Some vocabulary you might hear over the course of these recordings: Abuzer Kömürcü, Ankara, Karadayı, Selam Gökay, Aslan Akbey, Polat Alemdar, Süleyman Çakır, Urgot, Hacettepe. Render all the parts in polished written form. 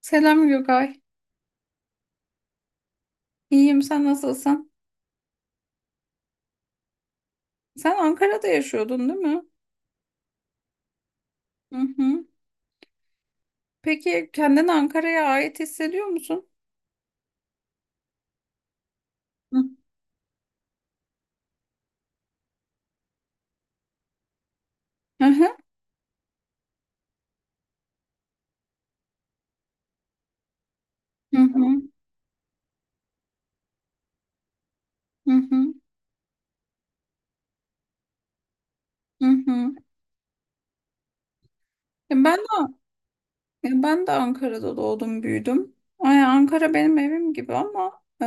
Selam Gökay. İyiyim, sen nasılsın? Sen Ankara'da yaşıyordun, değil mi? Hı hı. Peki kendini Ankara'ya ait hissediyor musun? Hı hı. Hı hı. Hı hı. Hı hı. Ya, ben de Ankara'da doğdum, büyüdüm. Ay, Ankara benim evim gibi ama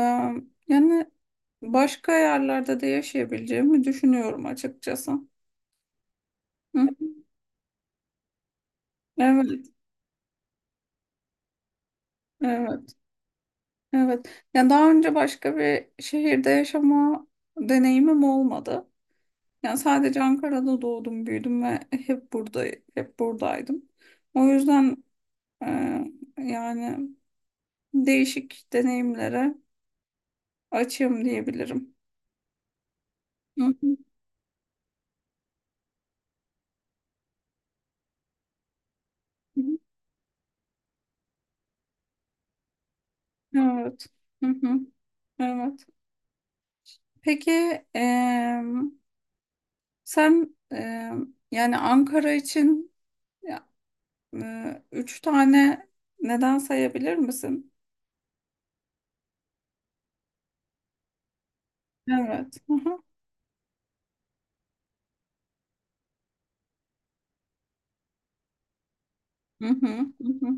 yani başka yerlerde de yaşayabileceğimi düşünüyorum açıkçası. Hı hı. Evet, evet, evet. Yani daha önce başka bir şehirde yaşama deneyimim olmadı. Yani sadece Ankara'da doğdum, büyüdüm ve hep buradaydım. O yüzden e, yani değişik deneyimlere açığım diyebilirim. Hı hı, hı. Evet. Hı hı, Evet. Peki e, sen yani Ankara için ya, üç tane neden sayabilir misin? Evet. Hı hı. Hı hı, hı hı,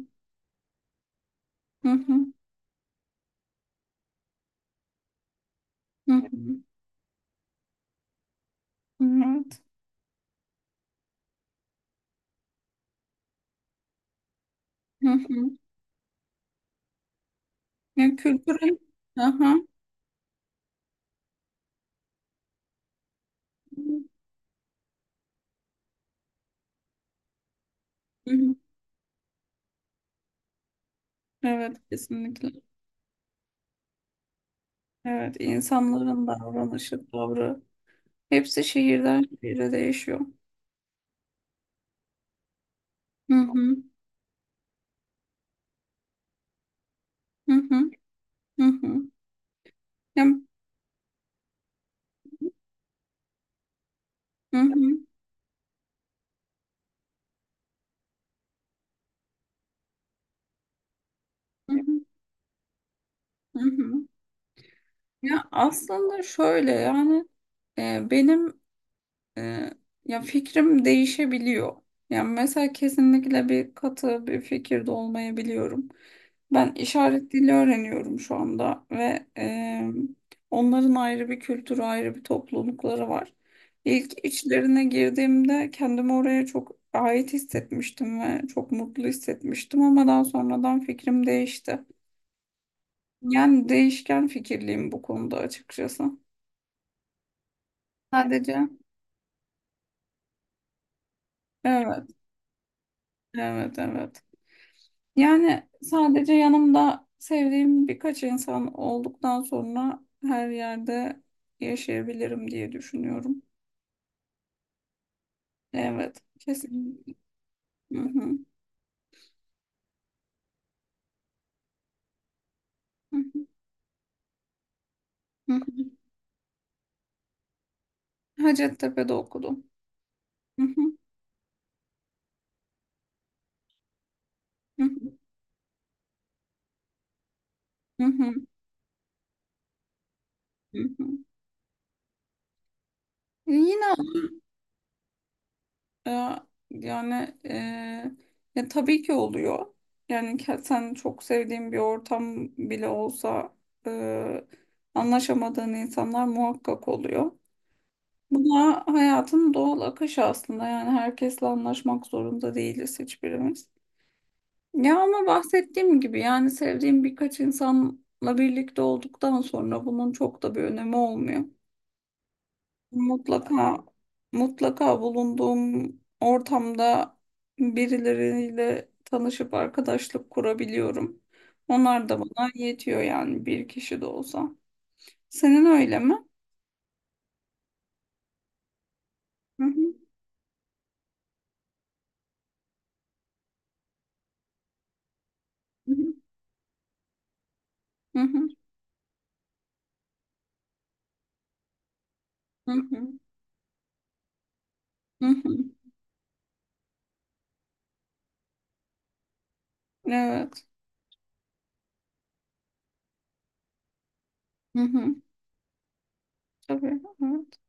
hı hı, hı hı. Evet. Yani kültürel. Aha. Hı hı. Evet, kesinlikle. Evet, insanların davranışı, tavrı, hepsi şehirden şehire değişiyor. Hı hı. Hı hı. Hı hı. Ya, hı hı. Hı hı. Hı hı. Ya aslında şöyle yani benim Ee, ya fikrim değişebiliyor. Yani mesela kesinlikle bir katı bir fikirde olmayabiliyorum. Ben işaret dili öğreniyorum şu anda ve onların ayrı bir kültürü, ayrı bir toplulukları var. İlk içlerine girdiğimde kendimi oraya çok ait hissetmiştim ve çok mutlu hissetmiştim ama daha sonradan fikrim değişti. Yani değişken fikirliyim bu konuda açıkçası. Sadece evet, evet, evet. Yani sadece yanımda sevdiğim birkaç insan olduktan sonra her yerde yaşayabilirim diye düşünüyorum. Evet, kesin. Hı hı, hı hı, hı hı. Hacettepe'de okudum. Hı hı, hı hı, hı hı, hı hı. Yine, e, yani, ya tabii ki oluyor. Yani sen çok sevdiğin bir ortam bile olsa, e, anlaşamadığın insanlar muhakkak oluyor. Bu da hayatın doğal akışı aslında. Yani herkesle anlaşmak zorunda değiliz hiçbirimiz. Ya ama bahsettiğim gibi yani sevdiğim birkaç insanla birlikte olduktan sonra bunun çok da bir önemi olmuyor. Mutlaka mutlaka bulunduğum ortamda birileriyle tanışıp arkadaşlık kurabiliyorum. Onlar da bana yetiyor yani bir kişi de olsa. Senin öyle mi? Hı hı. Hı hı. Hı hı. Hı hı. Evet. Hı hı. Evet. Tabii, evet,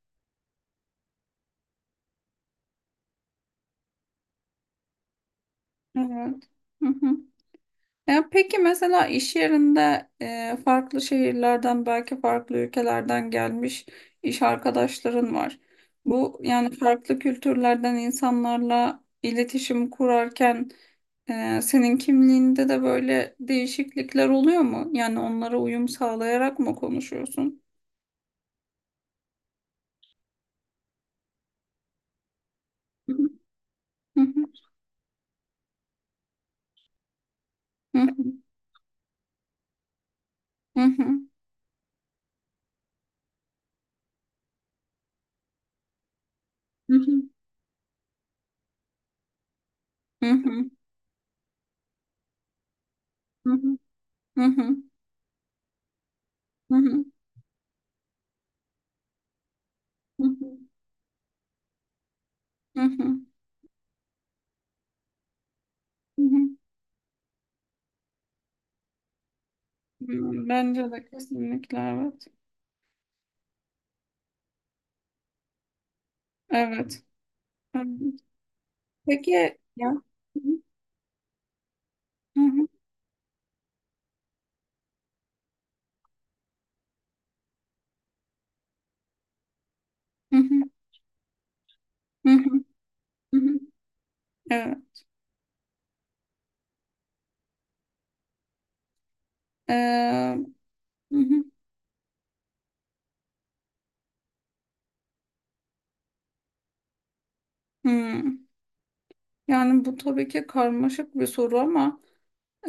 evet. Hı hı. Ya peki mesela iş yerinde, farklı şehirlerden belki farklı ülkelerden gelmiş iş arkadaşların var. Bu yani farklı kültürlerden insanlarla iletişim kurarken, senin kimliğinde de böyle değişiklikler oluyor mu? Yani onlara uyum sağlayarak mı konuşuyorsun? Hı hı, hı hı, hı hı, hı hı, hı hı, hı hı, hı hı, hı hı, hı hı, hı hı. Hmm, bence de kesinlikle evet. Evet. Evet. Peki ya. Hı hı, hı hı, hı hı, hı hı. Evet. Ee, hı hı, hı. Yani bu tabii ki karmaşık bir soru ama,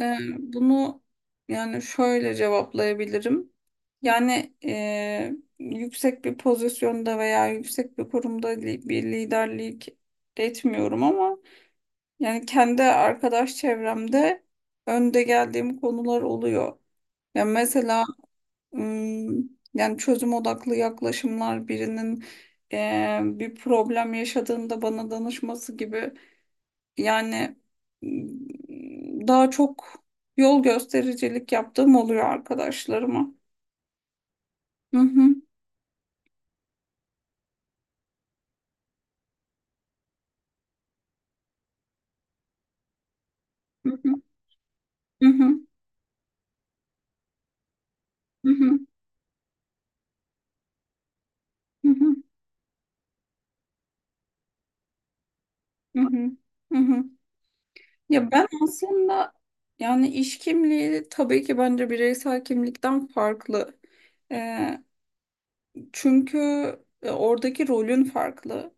bunu yani şöyle cevaplayabilirim. Yani yüksek bir pozisyonda veya yüksek bir kurumda bir liderlik etmiyorum ama yani kendi arkadaş çevremde önde geldiğim konular oluyor. Ya mesela yani çözüm odaklı yaklaşımlar, birinin bir problem yaşadığında bana danışması gibi, yani daha çok yol göstericilik yaptığım oluyor arkadaşlarıma. Hı hı, hı hı, hı hı, hı hı, hı hı, hı hı, hı hı. Ya ben aslında yani iş kimliği tabii ki bence bireysel kimlikten farklı. Eee, çünkü oradaki rolün farklı.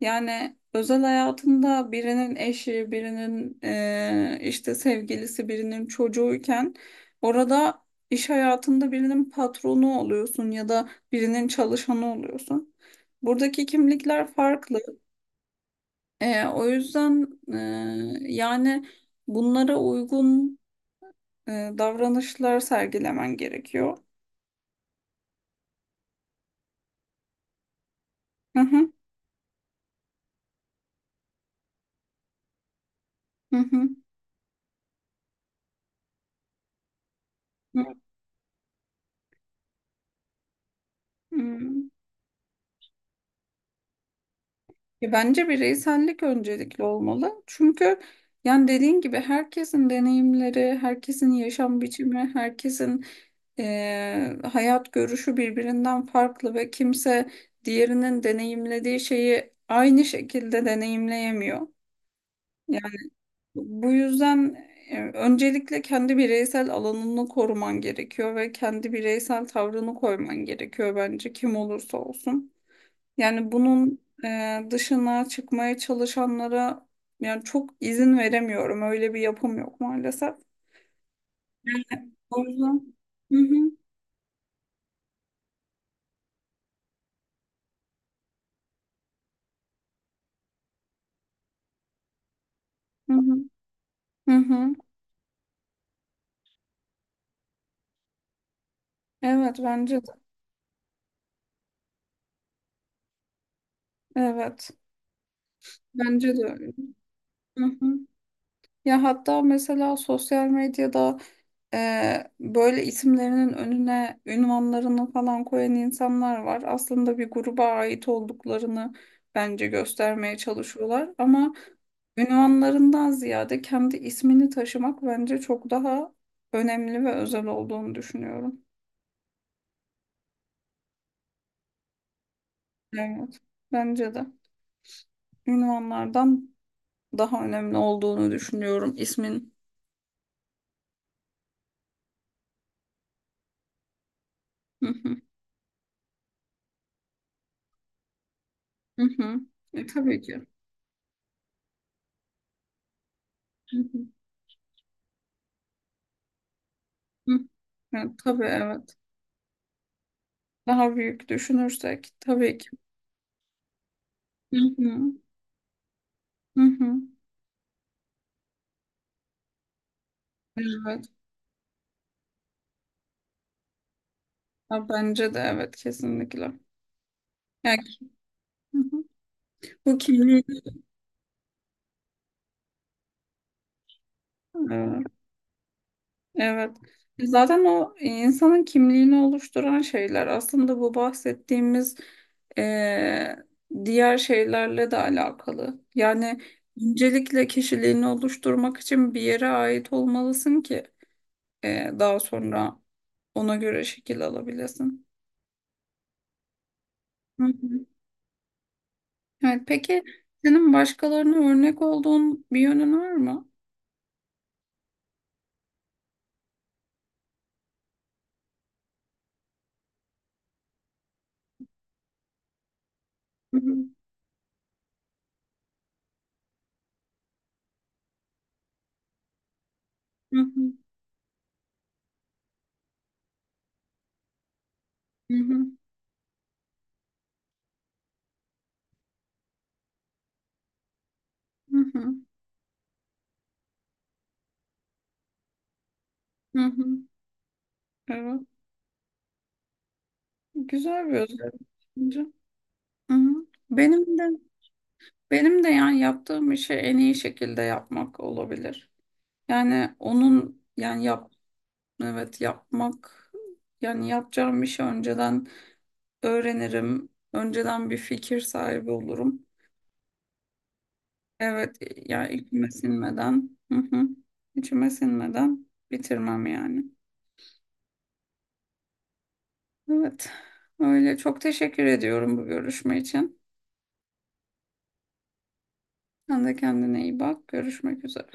Yani özel hayatında birinin eşi, birinin işte sevgilisi, birinin çocuğuyken, orada iş hayatında birinin patronu oluyorsun ya da birinin çalışanı oluyorsun. Buradaki kimlikler farklı. O yüzden yani bunlara uygun davranışlar sergilemen gerekiyor. Hı hı, hı hı, hı hı. Ya bence bireysellik öncelikli olmalı. Çünkü yani dediğin gibi herkesin deneyimleri, herkesin yaşam biçimi, herkesin hayat görüşü birbirinden farklı ve kimse diğerinin deneyimlediği şeyi aynı şekilde deneyimleyemiyor. Yani bu yüzden öncelikle kendi bireysel alanını koruman gerekiyor ve kendi bireysel tavrını koyman gerekiyor, bence kim olursa olsun. Yani bunun dışına çıkmaya çalışanlara yani çok izin veremiyorum. Öyle bir yapım yok maalesef. O yüzden hı hı, hı hı. Hı hı. Evet, bence de. Evet. Bence de öyle. Hı hı. Ya hatta mesela sosyal medyada, böyle isimlerinin önüne ünvanlarını falan koyan insanlar var. Aslında bir gruba ait olduklarını bence göstermeye çalışıyorlar ama ünvanlarından ziyade kendi ismini taşımak bence çok daha önemli ve özel olduğunu düşünüyorum. Evet, bence de ünvanlardan daha önemli olduğunu düşünüyorum ismin. Hı hı, hı hı. Tabii ki. Hı hı, hı. Evet, tabii, evet. Daha büyük düşünürsek tabii ki. Hı hı. Hı hı. Evet. Ha, bence de evet, kesinlikle. Yani hı hı. Bu kimliği evet. Evet. Zaten o insanın kimliğini oluşturan şeyler aslında bu bahsettiğimiz eee, diğer şeylerle de alakalı. Yani öncelikle kişiliğini oluşturmak için bir yere ait olmalısın ki daha sonra ona göre şekil alabilesin. Hı hı. Evet, peki senin başkalarına örnek olduğun bir yönün var mı? Hı hı, hı hı, hı hı, hı hı, hı hı. Evet, güzel bir özellik bence. Hı hı. Benim de benim de yani yaptığım işi en iyi şekilde yapmak olabilir. Yani onun yani evet, yapmak, yani yapacağım işi önceden öğrenirim. Önceden bir fikir sahibi olurum. Evet, ya içime sinmeden. Hı hı. İçime sinmeden bitirmem yani. Evet. Öyle çok teşekkür ediyorum bu görüşme için. Sen de kendine iyi bak. Görüşmek üzere.